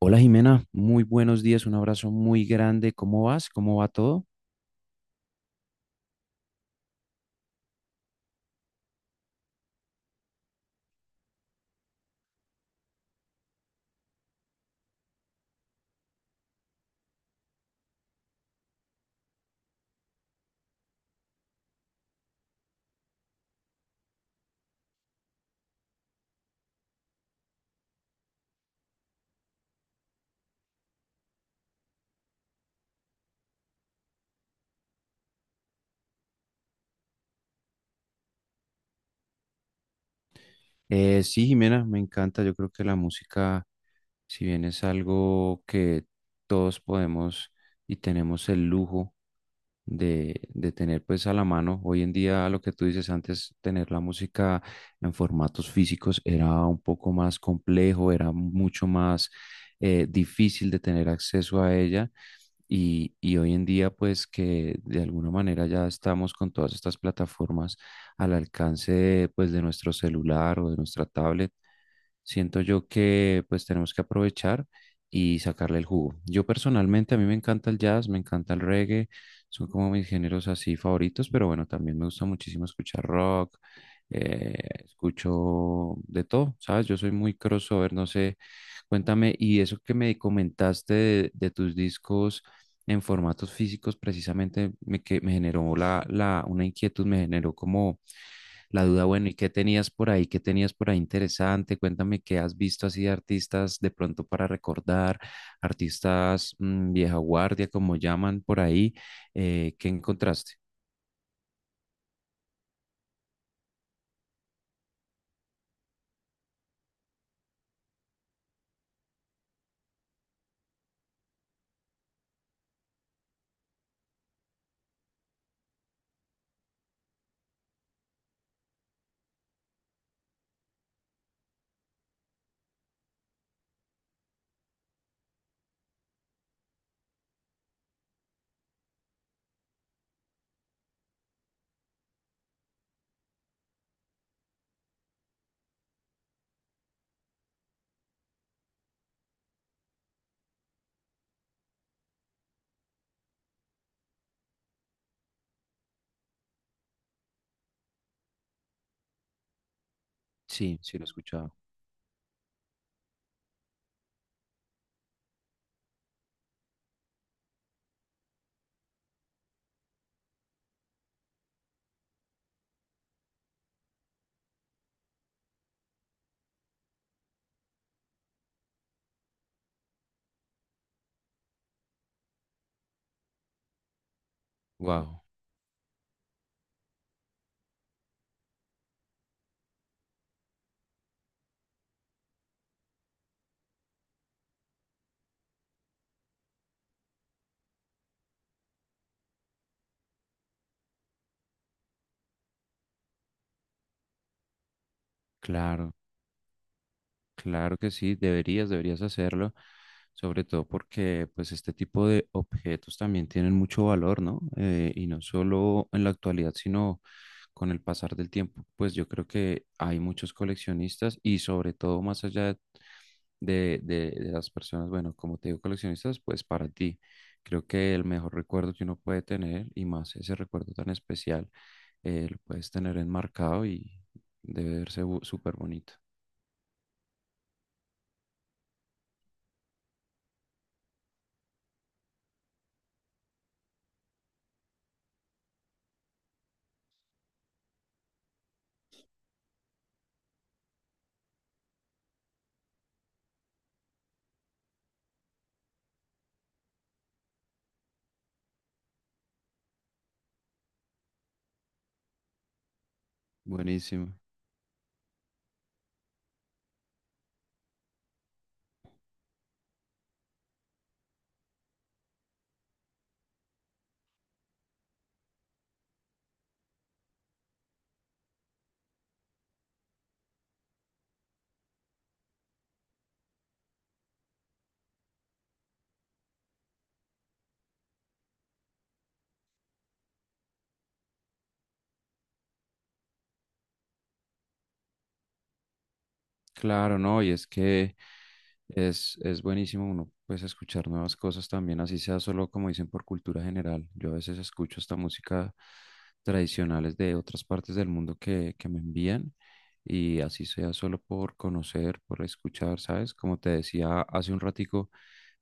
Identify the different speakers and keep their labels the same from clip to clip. Speaker 1: Hola Jimena, muy buenos días, un abrazo muy grande. ¿Cómo vas? ¿Cómo va todo? Sí, Jimena, me encanta. Yo creo que la música, si bien es algo que todos podemos y tenemos el lujo de tener pues a la mano, hoy en día lo que tú dices antes, tener la música en formatos físicos era un poco más complejo, era mucho más difícil de tener acceso a ella. Y hoy en día, pues que de alguna manera ya estamos con todas estas plataformas al alcance de, pues, de nuestro celular o de nuestra tablet, siento yo que pues tenemos que aprovechar y sacarle el jugo. Yo personalmente, a mí me encanta el jazz, me encanta el reggae, son como mis géneros así favoritos, pero bueno, también me gusta muchísimo escuchar rock, eh, escucho de todo, ¿sabes? Yo soy muy crossover, no sé, cuéntame, y eso que me comentaste de tus discos en formatos físicos precisamente me, que, me generó una inquietud, me generó como la duda, bueno, ¿y qué tenías por ahí? ¿Qué tenías por ahí interesante? Cuéntame qué has visto así de artistas de pronto para recordar, artistas vieja guardia, como llaman por ahí, ¿qué encontraste? Sí, sí lo he escuchado. Wow, claro. Claro que sí, deberías, deberías hacerlo, sobre todo porque pues este tipo de objetos también tienen mucho valor, ¿no? Y no solo en la actualidad, sino con el pasar del tiempo, pues yo creo que hay muchos coleccionistas y sobre todo más allá de las personas, bueno, como te digo, coleccionistas, pues para ti, creo que el mejor recuerdo que uno puede tener y más ese recuerdo tan especial, lo puedes tener enmarcado y debe verse súper bonito. Buenísimo. Claro, no, y es que es buenísimo uno pues escuchar nuevas cosas también, así sea solo como dicen por cultura general. Yo a veces escucho esta música tradicionales de otras partes del mundo que me envían y así sea solo por conocer, por escuchar, ¿sabes? Como te decía hace un ratico,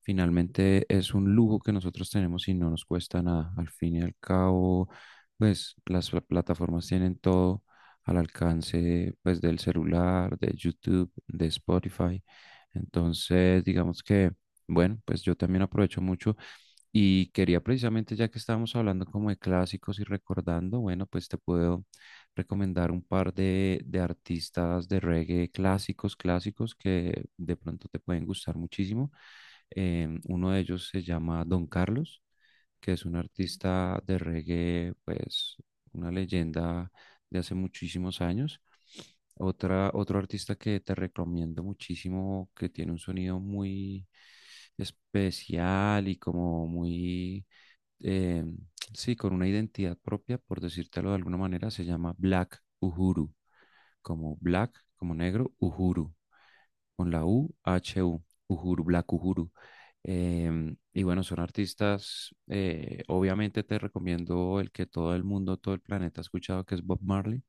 Speaker 1: finalmente es un lujo que nosotros tenemos y no nos cuesta nada. Al fin y al cabo, pues las plataformas tienen todo al alcance pues del celular, de YouTube, de Spotify. Entonces, digamos que, bueno, pues yo también aprovecho mucho y quería precisamente, ya que estábamos hablando como de clásicos y recordando, bueno, pues te puedo recomendar un par de artistas de reggae clásicos, clásicos que de pronto te pueden gustar muchísimo. Uno de ellos se llama Don Carlos, que es un artista de reggae, pues una leyenda de hace muchísimos años. Otra, otro artista que te recomiendo muchísimo, que tiene un sonido muy especial y como muy, eh, sí, con una identidad propia, por decírtelo de alguna manera, se llama Black Uhuru como Black, como negro, Uhuru, con la UHU, Uhuru, Black Uhuru. Y, bueno, son artistas, obviamente te recomiendo el que todo el mundo, todo el planeta ha escuchado, que es Bob Marley,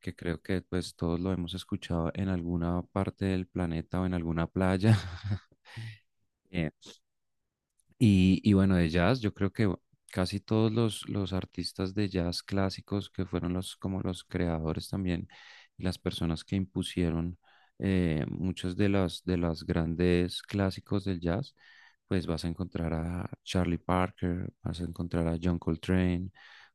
Speaker 1: que creo que pues todos lo hemos escuchado en alguna parte del planeta o en alguna playa. Em, y bueno, de jazz, yo creo que casi todos los artistas de jazz clásicos que fueron los, como los creadores también, y las personas que impusieron muchos de los grandes clásicos del jazz, pues vas a encontrar a Charlie Parker, vas a encontrar a John Coltrane,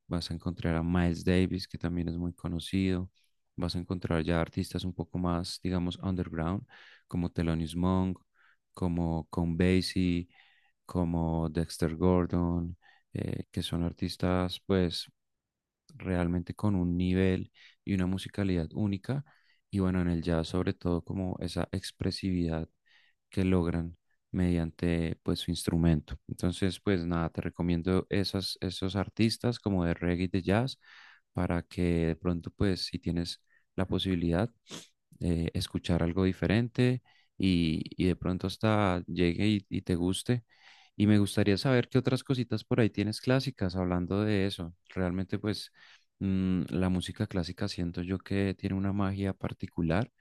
Speaker 1: vas a encontrar a Miles Davis, que también es muy conocido, vas a encontrar ya artistas un poco más, digamos, underground, como Thelonious Monk, como Count Basie, como Dexter Gordon, que son artistas pues realmente con un nivel y una musicalidad única, y bueno, en el jazz sobre todo como esa expresividad que logran mediante pues su instrumento. Entonces, pues nada, te recomiendo esas, esos artistas como de reggae y de jazz para que de pronto pues si tienes la posibilidad escuchar algo diferente y de pronto hasta llegue y te guste. Y me gustaría saber qué otras cositas por ahí tienes clásicas hablando de eso. Realmente pues la música clásica siento yo que tiene una magia particular,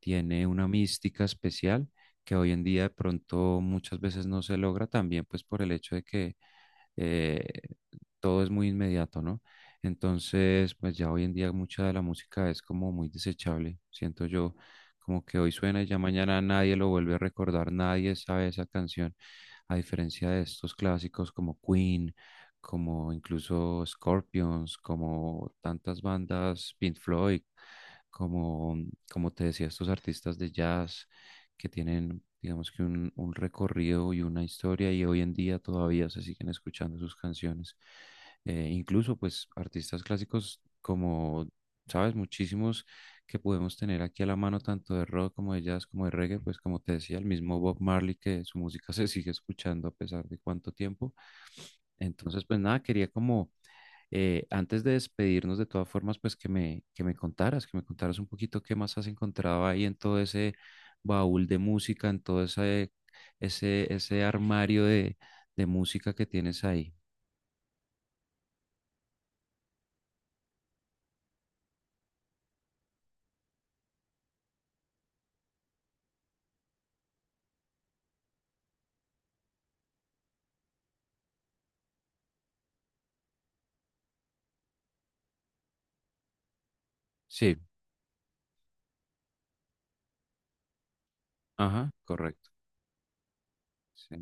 Speaker 1: tiene una mística especial que hoy en día de pronto muchas veces no se logra también pues por el hecho de que eh, todo es muy inmediato, ¿no? Entonces, pues ya hoy en día mucha de la música es como muy desechable, siento yo, como que hoy suena y ya mañana nadie lo vuelve a recordar, nadie sabe esa canción, a diferencia de estos clásicos como Queen, como incluso Scorpions, como tantas bandas, Pink Floyd, como, como te decía, estos artistas de jazz, que tienen, digamos que un recorrido y una historia y hoy en día todavía se siguen escuchando sus canciones. Incluso pues artistas clásicos como, sabes, muchísimos que podemos tener aquí a la mano, tanto de rock como de jazz, como de reggae, pues como te decía, el mismo Bob Marley, que su música se sigue escuchando a pesar de cuánto tiempo. Entonces, pues nada, quería como antes de despedirnos, de todas formas, pues que me contaras un poquito qué más has encontrado ahí en todo ese baúl de música, en todo ese armario de música que tienes ahí. Sí, ajá, correcto. Sí,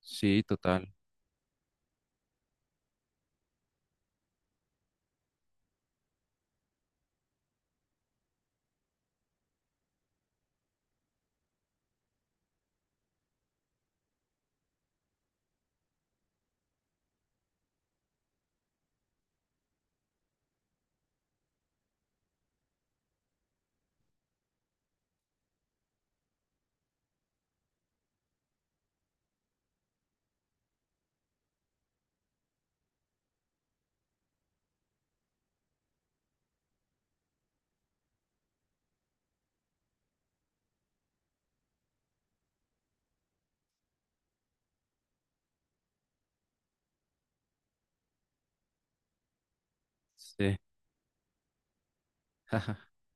Speaker 1: sí, total. Sí.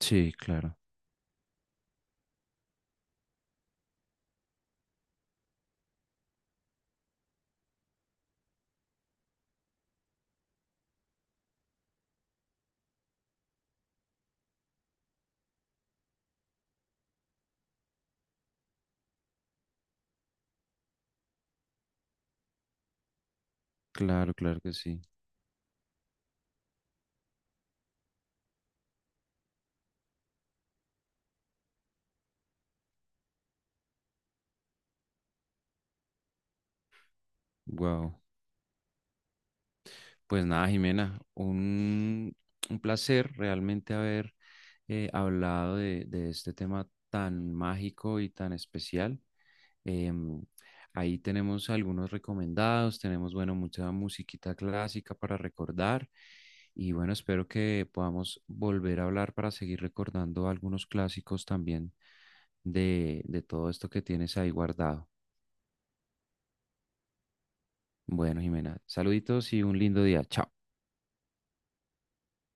Speaker 1: Sí, claro, claro, claro que sí. Wow. Pues nada, Jimena, un placer realmente haber hablado de este tema tan mágico y tan especial. Em, Ahí tenemos algunos recomendados, tenemos, bueno, mucha musiquita clásica para recordar y bueno, espero que podamos volver a hablar para seguir recordando algunos clásicos también de todo esto que tienes ahí guardado. Bueno, Jimena, saluditos y un lindo día. Chao.